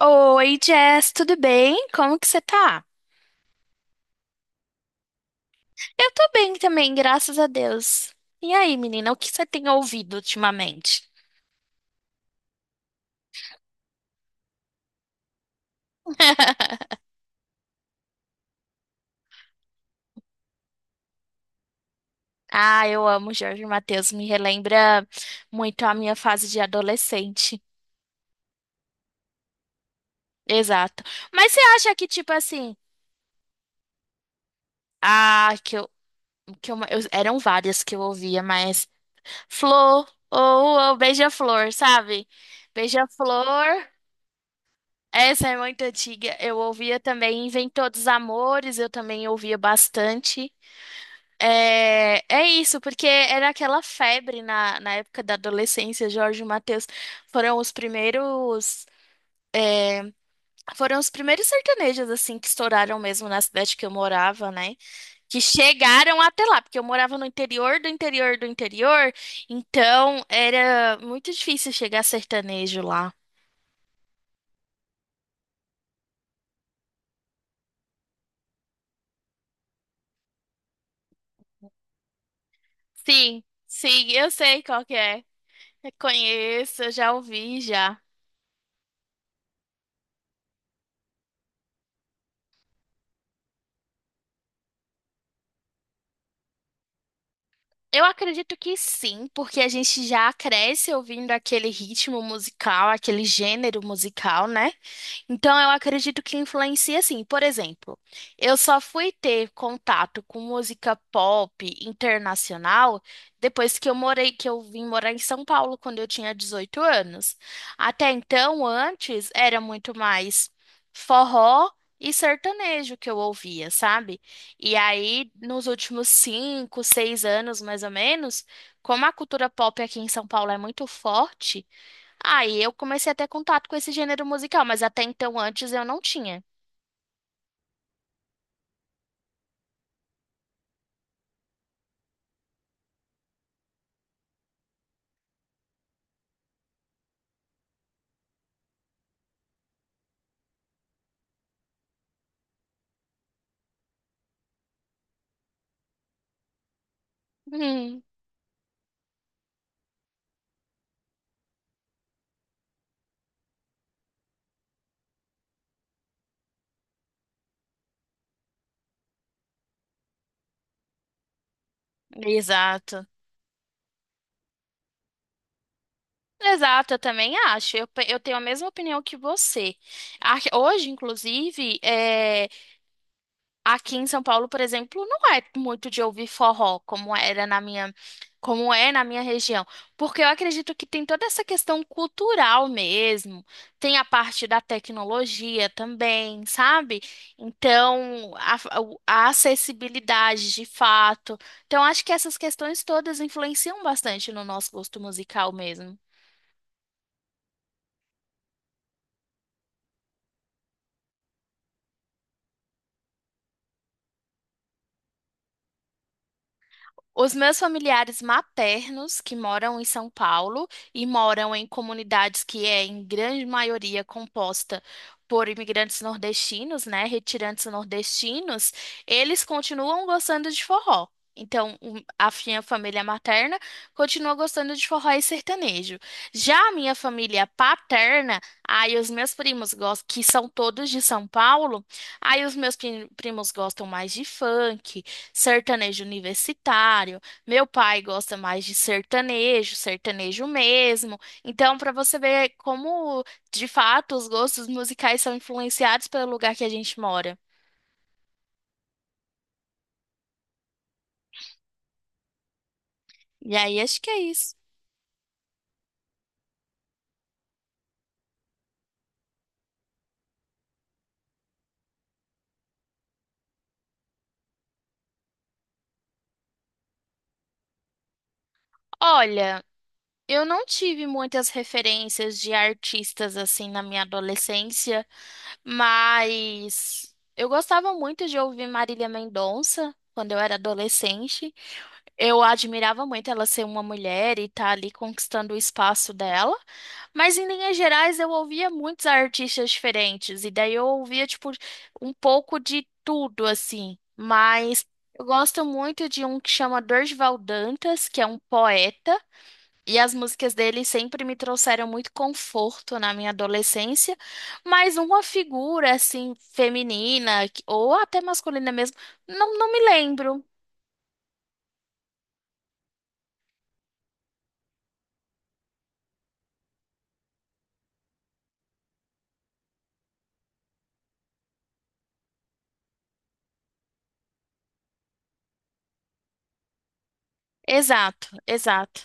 Oi, Jess, tudo bem? Como que você tá? Eu tô bem também, graças a Deus. E aí, menina, o que você tem ouvido ultimamente? Ah, eu amo Jorge Mateus, me relembra muito a minha fase de adolescente. Exato. Mas você acha que, tipo assim, ah, que eu, eram várias que eu ouvia, mas Flor, ou Beija-Flor, sabe? Beija-Flor. Essa é muito antiga. Eu ouvia também Inventor dos Amores, eu também ouvia bastante. É isso, porque era aquela febre na época da adolescência. Jorge e Mateus foram os primeiros, é, foram os primeiros sertanejos assim que estouraram mesmo na cidade que eu morava, né? Que chegaram até lá, porque eu morava no interior do interior do interior, então era muito difícil chegar sertanejo lá. Sim, sim, eu sei qual que é. Reconheço, eu já ouvi já. Eu acredito que sim, porque a gente já cresce ouvindo aquele ritmo musical, aquele gênero musical, né? Então, eu acredito que influencia assim. Por exemplo, eu só fui ter contato com música pop internacional depois que eu morei, que eu vim morar em São Paulo quando eu tinha 18 anos. Até então, antes, era muito mais forró e sertanejo que eu ouvia, sabe? E aí, nos últimos 5, 6 anos, mais ou menos, como a cultura pop aqui em São Paulo é muito forte, aí eu comecei a ter contato com esse gênero musical, mas até então antes eu não tinha. Hum, exato. Exato, eu também acho. Eu, eu tenho a mesma opinião que você. Hoje, inclusive, aqui em São Paulo, por exemplo, não é muito de ouvir forró, como é na minha região, porque eu acredito que tem toda essa questão cultural mesmo, tem a parte da tecnologia também, sabe? Então, a acessibilidade de fato. Então, acho que essas questões todas influenciam bastante no nosso gosto musical mesmo. Os meus familiares maternos, que moram em São Paulo e moram em comunidades que é, em grande maioria, composta por imigrantes nordestinos, né, retirantes nordestinos, eles continuam gostando de forró. Então, a minha família materna continua gostando de forró e sertanejo. Já a minha família paterna, aí os meus primos gostam, que são todos de São Paulo, aí os meus primos gostam mais de funk, sertanejo universitário. Meu pai gosta mais de sertanejo, sertanejo mesmo. Então, para você ver como, de fato, os gostos musicais são influenciados pelo lugar que a gente mora. E aí, acho que é isso. Olha, eu não tive muitas referências de artistas assim na minha adolescência, mas eu gostava muito de ouvir Marília Mendonça quando eu era adolescente. Eu admirava muito ela ser uma mulher e estar ali conquistando o espaço dela, mas em linhas gerais eu ouvia muitos artistas diferentes, e daí eu ouvia, tipo, um pouco de tudo, assim. Mas eu gosto muito de um que chama Dorival Dantas, que é um poeta, e as músicas dele sempre me trouxeram muito conforto na minha adolescência, mas uma figura, assim, feminina, que- ou até masculina mesmo, não, não me lembro. Exato, exato.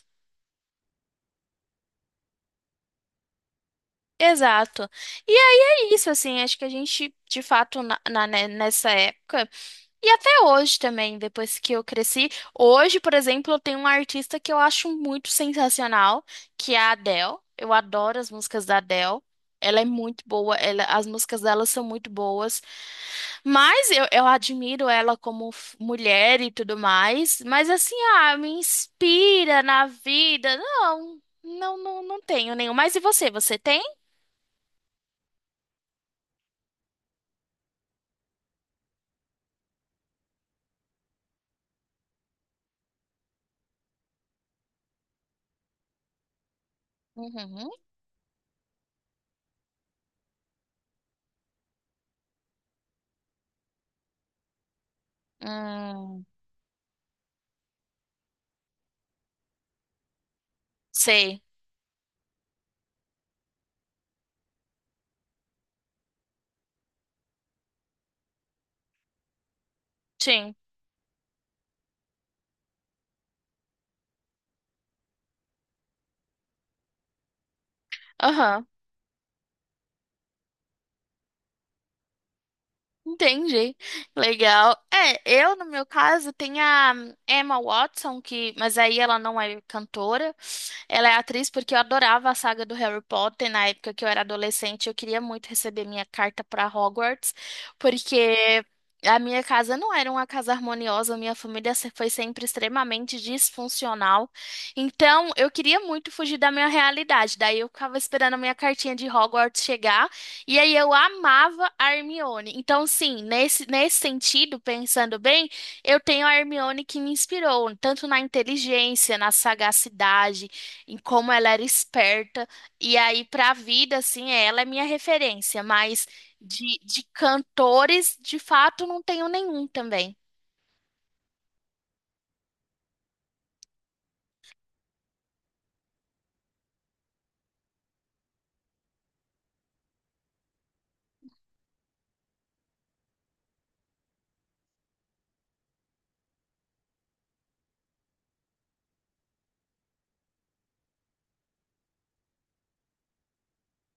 Exato. E aí é isso, assim, acho que a gente, de fato, né, nessa época, e até hoje também, depois que eu cresci, hoje, por exemplo, eu tenho uma artista que eu acho muito sensacional, que é a Adele. Eu adoro as músicas da Adele. Ela é muito boa, as músicas dela são muito boas, mas eu admiro ela como mulher e tudo mais, mas assim, me inspira na vida. Não, não, não, não tenho nenhum. Mas e você, você tem? Uhum. Hum, sei. Sim. Aham. Entendi. Legal. É, eu, no meu caso, tenho a Emma Watson, que, mas aí ela não é cantora. Ela é atriz porque eu adorava a saga do Harry Potter na época que eu era adolescente. Eu queria muito receber minha carta para Hogwarts, porque a minha casa não era uma casa harmoniosa, minha família foi sempre extremamente disfuncional. Então, eu queria muito fugir da minha realidade. Daí eu ficava esperando a minha cartinha de Hogwarts chegar, e aí eu amava a Hermione. Então, sim, nesse sentido, pensando bem, eu tenho a Hermione que me inspirou, tanto na inteligência, na sagacidade, em como ela era esperta. E aí, pra vida, assim, ela é minha referência, mas de cantores, de fato, não tenho nenhum também.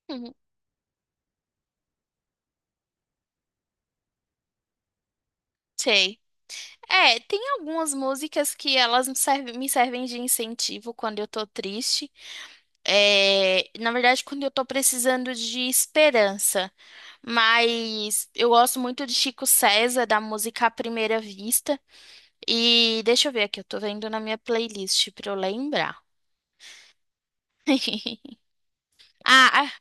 Uhum, sei. É, tem algumas músicas que elas me servem de incentivo quando eu tô triste. É, na verdade, quando eu tô precisando de esperança. Mas eu gosto muito de Chico César, da música À Primeira Vista. E deixa eu ver aqui, eu tô vendo na minha playlist pra eu lembrar. Ah, ah,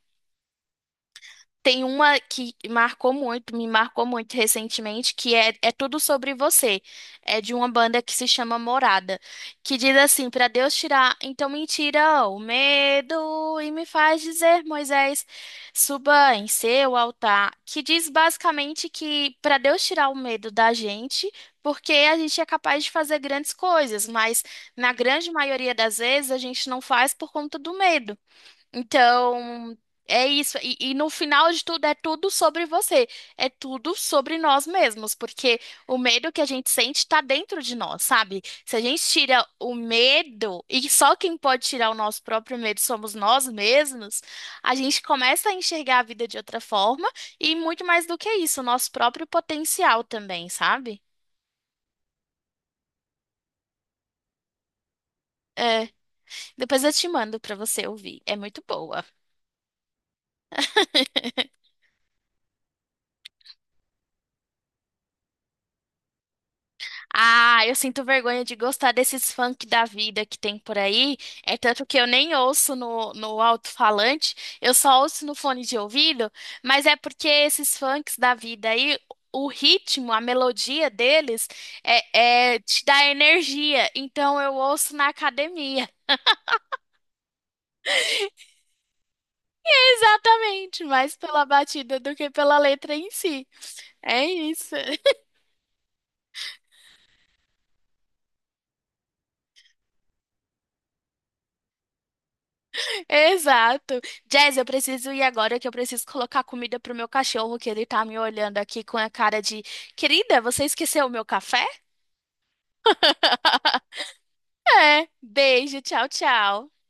tem uma que me marcou muito recentemente, que é tudo sobre você. É de uma banda que se chama Morada, que diz assim, para Deus tirar, então me tira o medo e me faz dizer, Moisés, suba em seu altar, que diz basicamente que para Deus tirar o medo da gente, porque a gente é capaz de fazer grandes coisas, mas na grande maioria das vezes a gente não faz por conta do medo. Então, é isso. E no final de tudo, é tudo sobre você. É tudo sobre nós mesmos, porque o medo que a gente sente está dentro de nós, sabe? Se a gente tira o medo, e só quem pode tirar o nosso próprio medo somos nós mesmos, a gente começa a enxergar a vida de outra forma e muito mais do que isso, o nosso próprio potencial também, sabe? É, depois eu te mando para você ouvir. É muito boa. Ah, eu sinto vergonha de gostar desses funk da vida que tem por aí. É tanto que eu nem ouço no alto-falante, eu só ouço no fone de ouvido, mas é porque esses funks da vida aí, o ritmo, a melodia deles te dá energia. Então eu ouço na academia. Exatamente, mais pela batida do que pela letra em si. É isso. Exato. Jazz, eu preciso ir agora que eu preciso colocar comida pro meu cachorro, que ele tá me olhando aqui com a cara de querida, você esqueceu o meu café? É. Beijo, tchau, tchau.